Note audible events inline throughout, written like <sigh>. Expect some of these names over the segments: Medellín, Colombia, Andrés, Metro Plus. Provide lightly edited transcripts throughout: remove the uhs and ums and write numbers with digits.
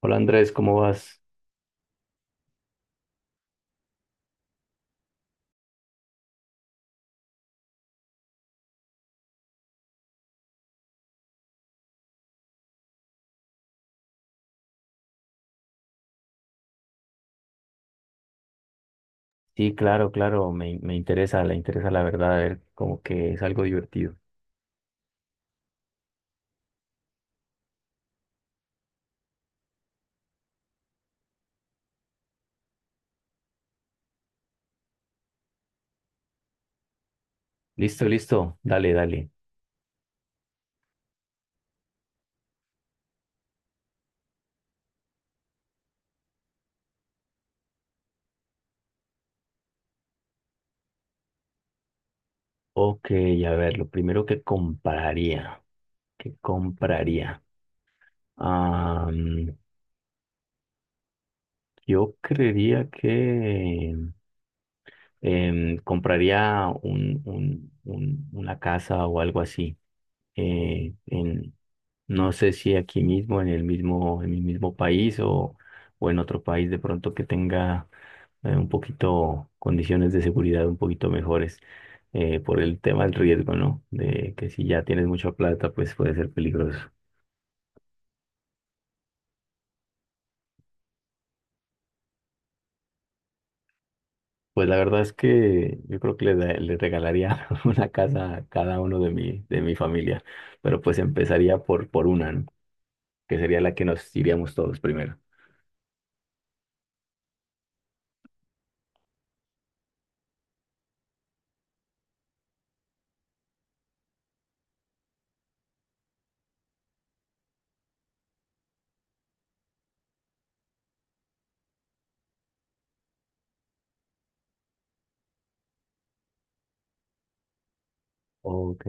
Hola Andrés, ¿cómo vas? Sí, claro, claro, me interesa, le interesa la verdad, a ver, como que es algo divertido. Listo, listo, dale, dale. Ok, a ver, lo primero que compraría, ¿que compraría? Ah, mm, yo creería que compraría una casa o algo así. eh, en, no sé si aquí mismo, en el mismo, en mi mismo país o en otro país de pronto que tenga un poquito condiciones de seguridad un poquito mejores, por el tema del riesgo, ¿no? De que si ya tienes mucha plata, pues puede ser peligroso. Pues la verdad es que yo creo que le regalaría <laughs> una casa a cada uno de mi familia, pero pues empezaría por una, ¿no? Que sería la que nos iríamos todos primero. Ok.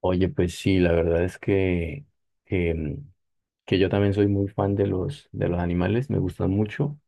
Oye, pues sí, la verdad es que, em, que yo también soy muy fan de los animales, me gustan mucho,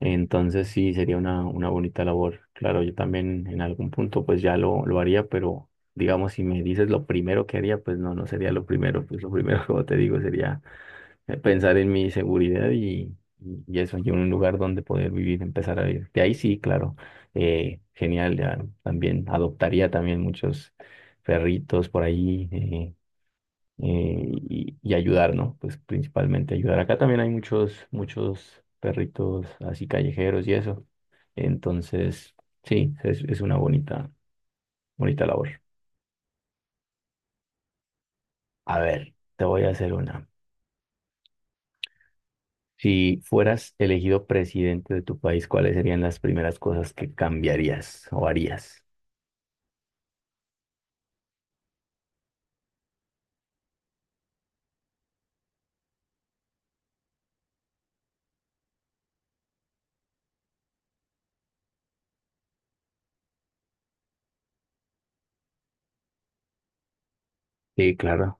entonces sí, sería una bonita labor. Claro, yo también en algún punto pues ya lo haría, pero digamos, si me dices lo primero que haría, pues no, no sería lo primero, pues lo primero, <laughs> como te digo, sería pensar en mi seguridad y eso, y un lugar donde poder vivir, empezar a vivir. De ahí sí, claro, genial, ya también adoptaría también muchos perritos por ahí. Y, y ayudar, ¿no? Pues principalmente ayudar. Acá también hay muchos, muchos perritos así callejeros y eso. Entonces, sí, es una bonita, bonita labor. A ver, te voy a hacer una. Si fueras elegido presidente de tu país, ¿cuáles serían las primeras cosas que cambiarías o harías? Sí, claro.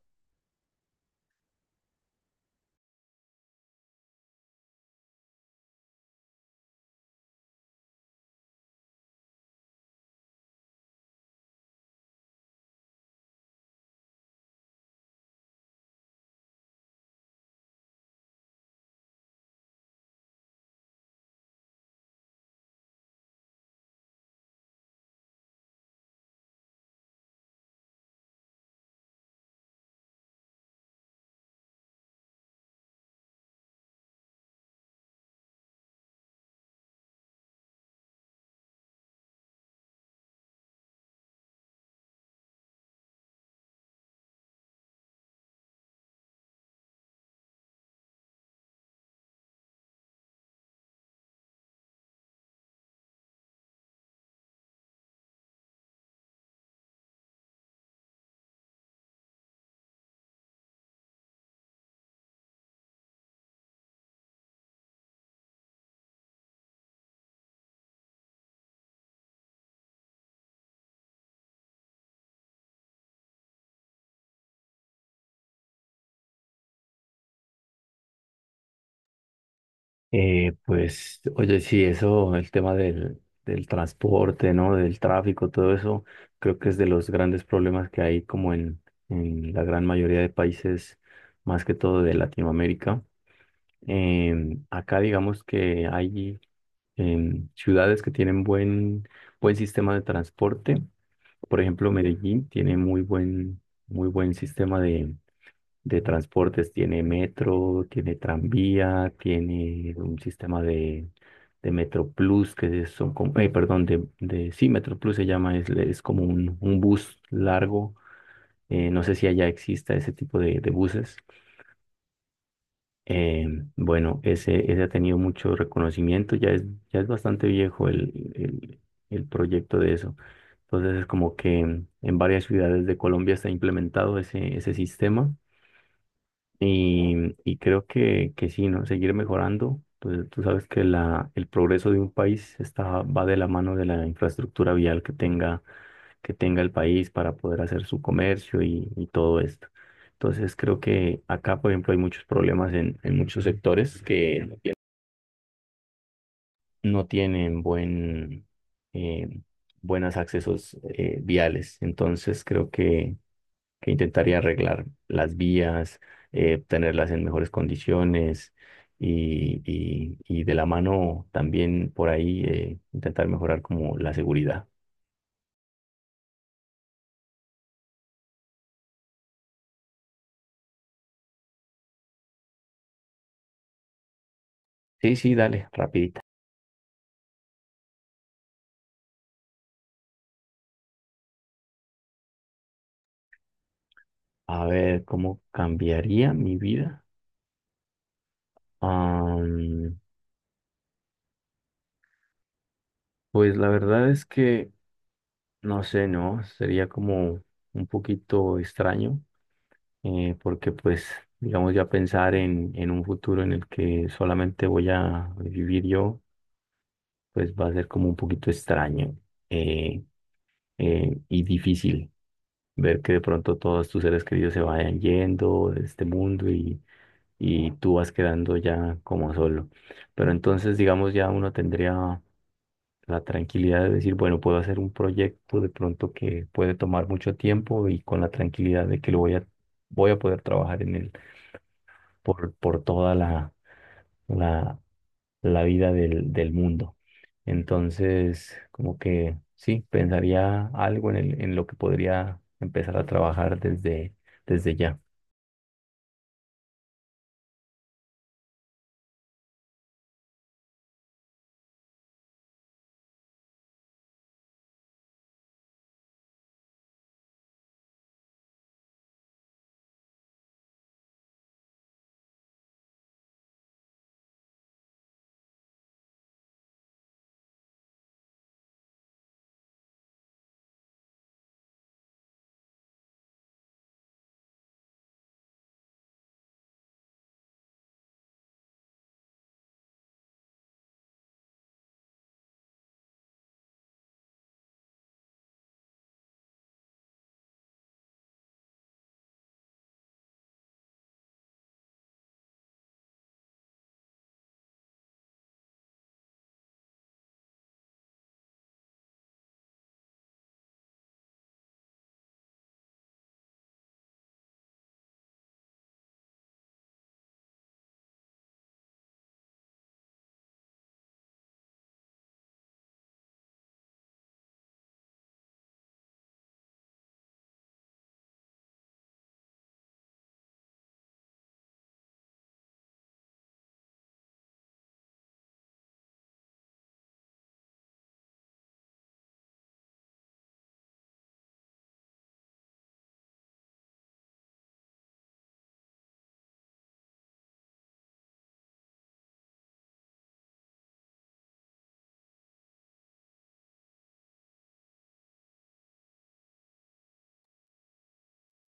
Pues, oye, sí, eso, el tema del, del transporte, ¿no? Del tráfico, todo eso, creo que es de los grandes problemas que hay como en la gran mayoría de países, más que todo de Latinoamérica. Acá digamos que hay ciudades que tienen buen, buen sistema de transporte. Por ejemplo, Medellín tiene muy buen sistema de transportes. Tiene metro, tiene tranvía, tiene un sistema de Metro Plus, que son como, perdón, de, sí, Metro Plus se llama, es como un bus largo. No sé si allá exista ese tipo de buses. Eh, bueno, ese ha tenido mucho reconocimiento, ya es bastante viejo el proyecto de eso. Entonces es como que en varias ciudades de Colombia está implementado ese, ese sistema. Y, y creo que sí, ¿no? Seguir mejorando. Pues, tú sabes que el progreso de un país está, va de la mano de la infraestructura vial que tenga el país para poder hacer su comercio y todo esto. Entonces creo que acá, por ejemplo, hay muchos problemas en muchos sectores que no tienen buen, eh, buenos accesos viales. Entonces creo que intentaría arreglar las vías, tenerlas en mejores condiciones y de la mano también por ahí intentar mejorar como la seguridad. Sí, sí, dale, rapidita. A ver, ¿cómo cambiaría mi vida? Am, pues la verdad es que, no sé, ¿no? Sería como un poquito extraño, porque pues, digamos, ya pensar en un futuro en el que solamente voy a vivir yo pues va a ser como un poquito extraño, eh, y difícil ver que de pronto todos tus seres queridos se vayan yendo de este mundo y tú vas quedando ya como solo. Pero entonces, digamos, ya uno tendría la tranquilidad de decir, bueno, puedo hacer un proyecto de pronto que puede tomar mucho tiempo y con la tranquilidad de que lo voy a poder trabajar en él por toda la la vida del, del mundo. Entonces, como que sí, pensaría algo en lo que podría empezar a trabajar desde, desde ya.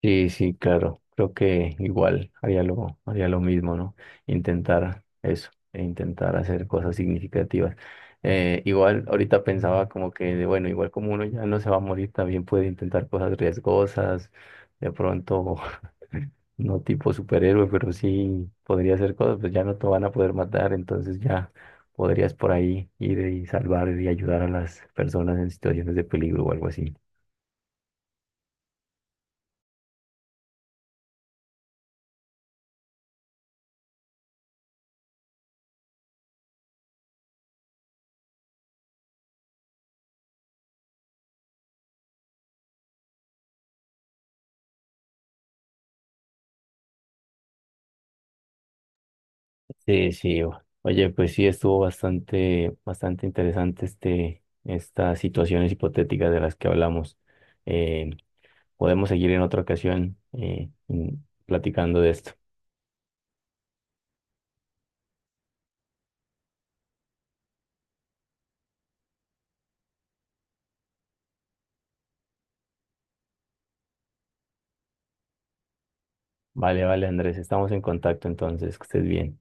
Sí, sí, claro. Creo que igual haría lo mismo, ¿no? Intentar eso, e intentar hacer cosas significativas. Igual ahorita pensaba como que, de, bueno, igual como uno ya no se va a morir, también puede intentar cosas riesgosas, de pronto, <laughs> no tipo superhéroe, pero sí podría hacer cosas, pues ya no te van a poder matar, entonces ya podrías por ahí ir y salvar y ayudar a las personas en situaciones de peligro o algo así. Sí, sí. Oye, pues sí, estuvo bastante, bastante interesante estas situaciones hipotéticas de las que hablamos. Eh, Podemos seguir en otra ocasión platicando de esto. Vale, vale, Andrés, estamos en contacto entonces, que estés bien.